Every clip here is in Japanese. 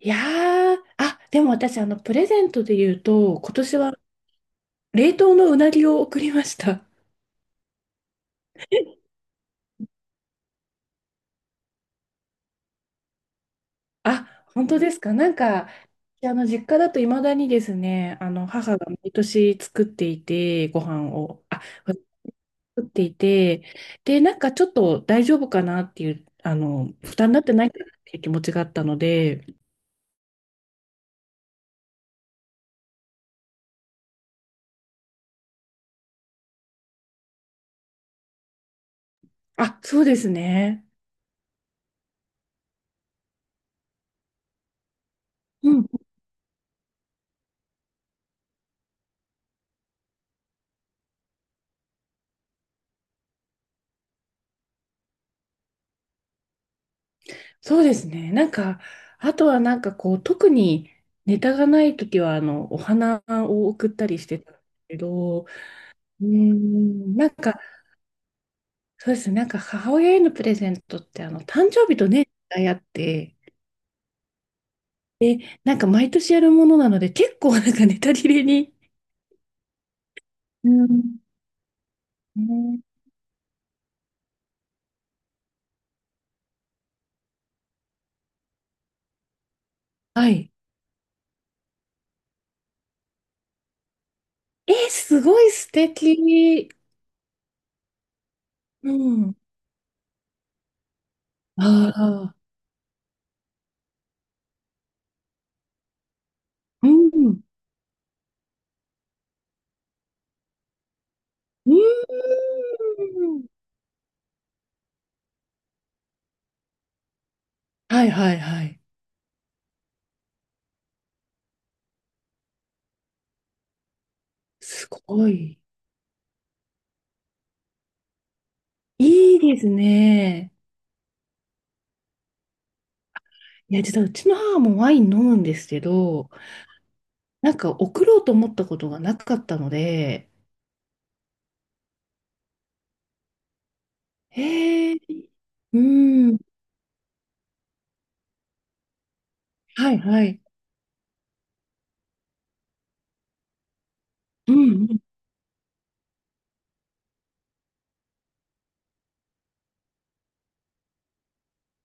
いやー、でも私、プレゼントで言うと、今年は冷凍のうなぎを送りました。あ、本当ですか。なんか、実家だと未だにですね、母が毎年作っていて、ご飯を、作っていて、で、なんかちょっと大丈夫かなっていう、負担になってないかなっていう気持ちがあったので、あ、そうですね。そうですね。なんか、あとはなんかこう、特にネタがないときは、お花を送ったりしてたんですけど、なんか、そうですね。なんか母親へのプレゼントって、誕生日とね、あって、なんか毎年やるものなので、結構なんかネタ切れに。うん。うん。はい。えー、すごい素敵。うん。ああ、うん。うん。はい、はい、はい。すごい。いいですね。いや、実はうちの母もワイン飲むんですけど、なんか送ろうと思ったことがなかったので、へえ、うん、はい、はい。うん、うん、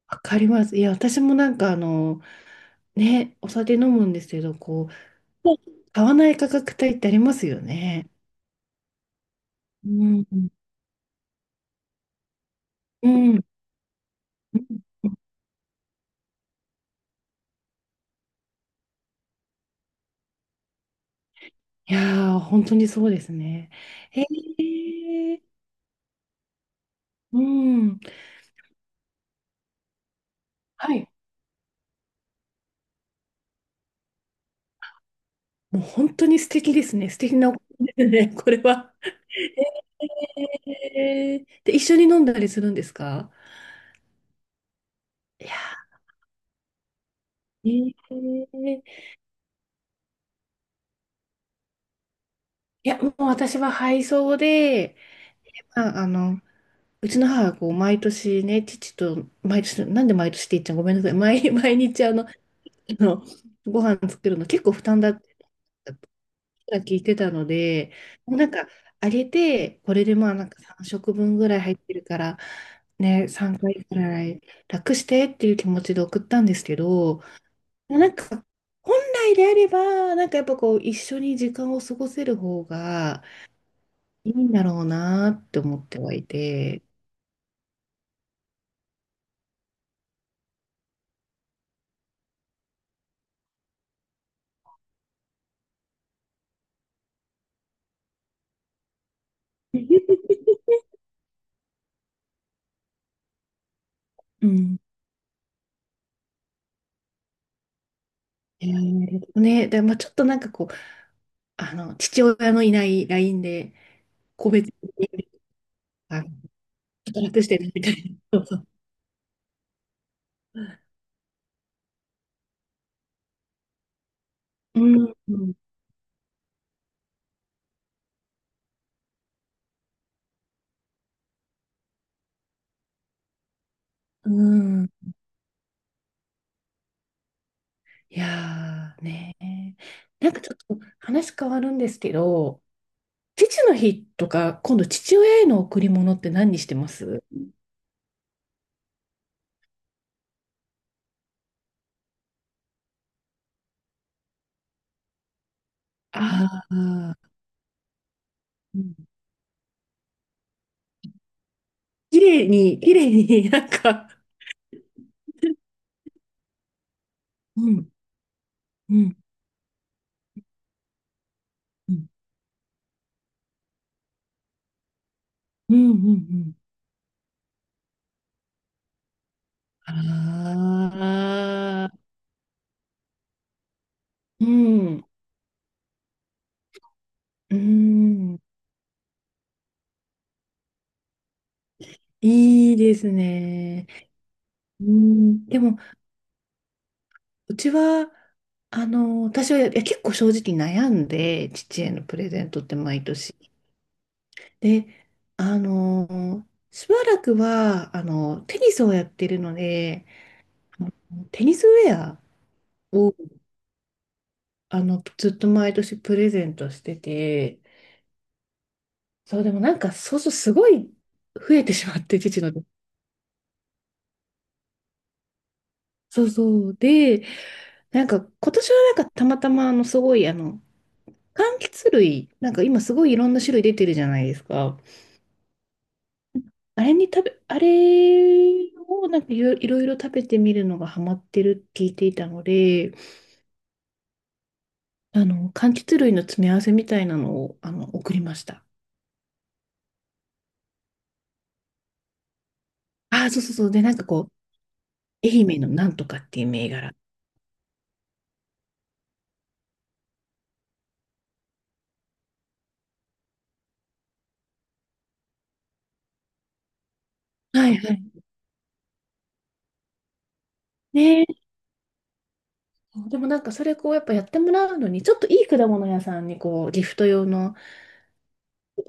わかります。いや、私もなんかね、お酒飲むんですけど、こう、買わない価格帯ってありますよね。うん、うん、うん。いやー、本当にそうですね。へえ、うん、はい。もう本当に素敵ですね。素敵なお子ですね、これは。えー、で、一緒に飲んだりするんですか？いやー、えー。いや、もう私は配送で、まあ、うちの母はこう毎年ね、父と、毎年、なんで毎年って言っちゃうごめんなさい、毎日の、ご飯作るの結構負担だって聞いてたので、もうなんか、あげて、これでまあなんか3食分ぐらい入ってるから、ね、3回ぐらい楽してっていう気持ちで送ったんですけど、なんか、本来であれば、なんかやっぱこう、一緒に時間を過ごせる方がいいんだろうなって思ってはいて、うん。いやね、でまあちょっとなんかこう、父親のいない LINE で、個別に、ちょっと楽してるみたいな。そう、そう。うん、うん。いやーね、なんかちょっと話変わるんですけど、父の日とか、今度父親への贈り物って何にしてます？ああー、うん。綺麗に、綺麗に、 なんか、うん、うん、うん、うん、うん。うん。ああー、うん、うん、いいですね。うん、でも、うちは、私は、いや結構正直悩んで、父へのプレゼントって毎年。で、しばらくは、テニスをやってるので、あテニスウェアを、ずっと毎年プレゼントしてて、そう、でもなんか、そうそう、すごい増えてしまって、父の。そう、そう。で、なんか、今年はなんか、たまたま、すごい、柑橘類、なんか今すごいいろんな種類出てるじゃないですか。あれに食べ、あれをなんかいろいろいろ食べてみるのがハマってるって聞いていたので、柑橘類の詰め合わせみたいなのを、送りました。ああ、そう、そう、そう。で、なんかこう、愛媛のなんとかっていう銘柄。はい、はい。ね、でもなんかそれこうやっぱやってもらうのにちょっといい果物屋さんにこうギフト用の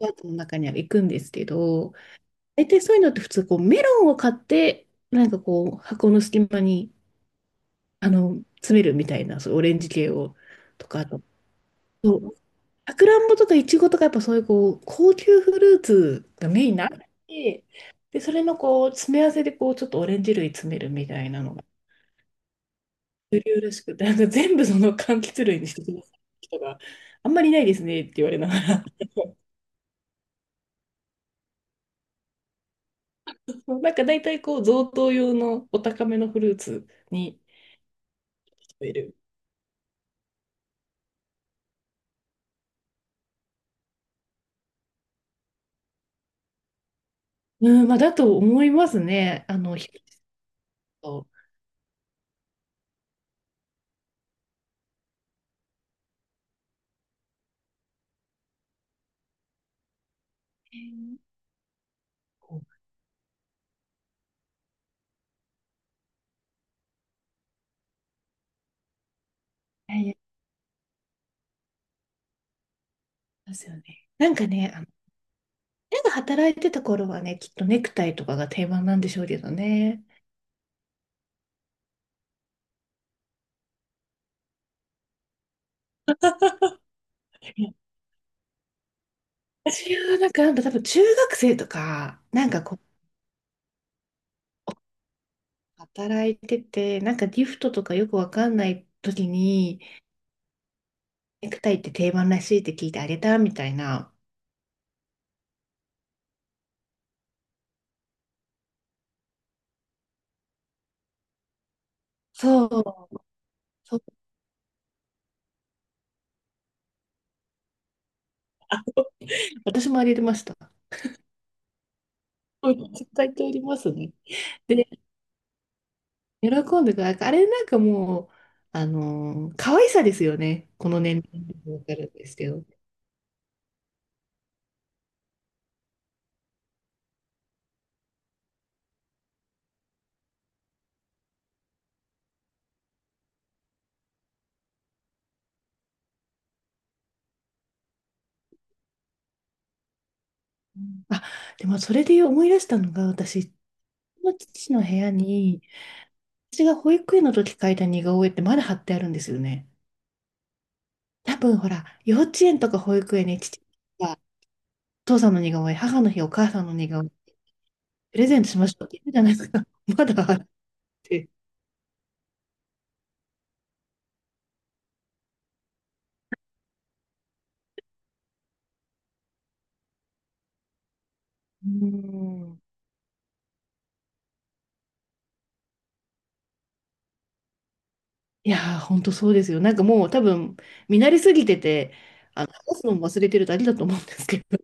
パーツの中には行くんですけど、大体そういうのって普通こうメロンを買ってなんかこう箱の隙間に詰めるみたいな、そういうオレンジ系を、とか、あと、そう、さくらんぼとかいちごとかやっぱそういうこう高級フルーツがメインなので、でそれのこう詰め合わせでこうちょっとオレンジ類詰めるみたいなのが主流らしくて、なんか全部その柑橘類にしてくださいって人があんまりいないですねって言われながら、なんか大体こう贈答用のお高めのフルーツに聞こる。うん、まあだと思いますね。ひと、えーこう、いですよね。なんかね、親が働いてた頃はね、きっとネクタイとかが定番なんでしょうけどね。いや私はなんか、なんか多分中学生とか、なんかこう、働いてて、なんかギフトとかよくわかんない時に、ネクタイって定番らしいって聞いてあげたみたいな。そう、そう、私もあげてました。そう絶対通りますね。で、喜んでくれる。あれなんかもう、可愛さですよね。この年齢でもわかるんですけど。あ、でもそれで思い出したのが、私、うちの父の部屋に、私が保育園の時描いた似顔絵ってまだ貼ってあるんですよね。多分ほら、幼稚園とか保育園にが父さんの似顔絵、母の日、お母さんの似顔絵、プレゼントしましょうって言うじゃないですか。まだ貼ってて。うーん。いやー、ほんとそうですよ。なんかもう多分、見慣れすぎてて、話すのも忘れてるだけだと思うんですけど。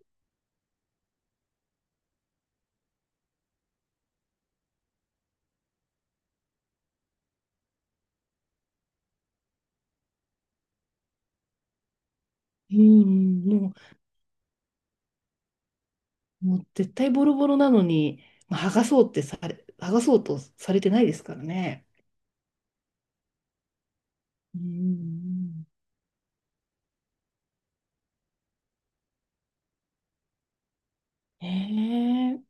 うん、もう、もう絶対ボロボロなのに、まあ、剥がそうとされてないですからね。うん。へえ。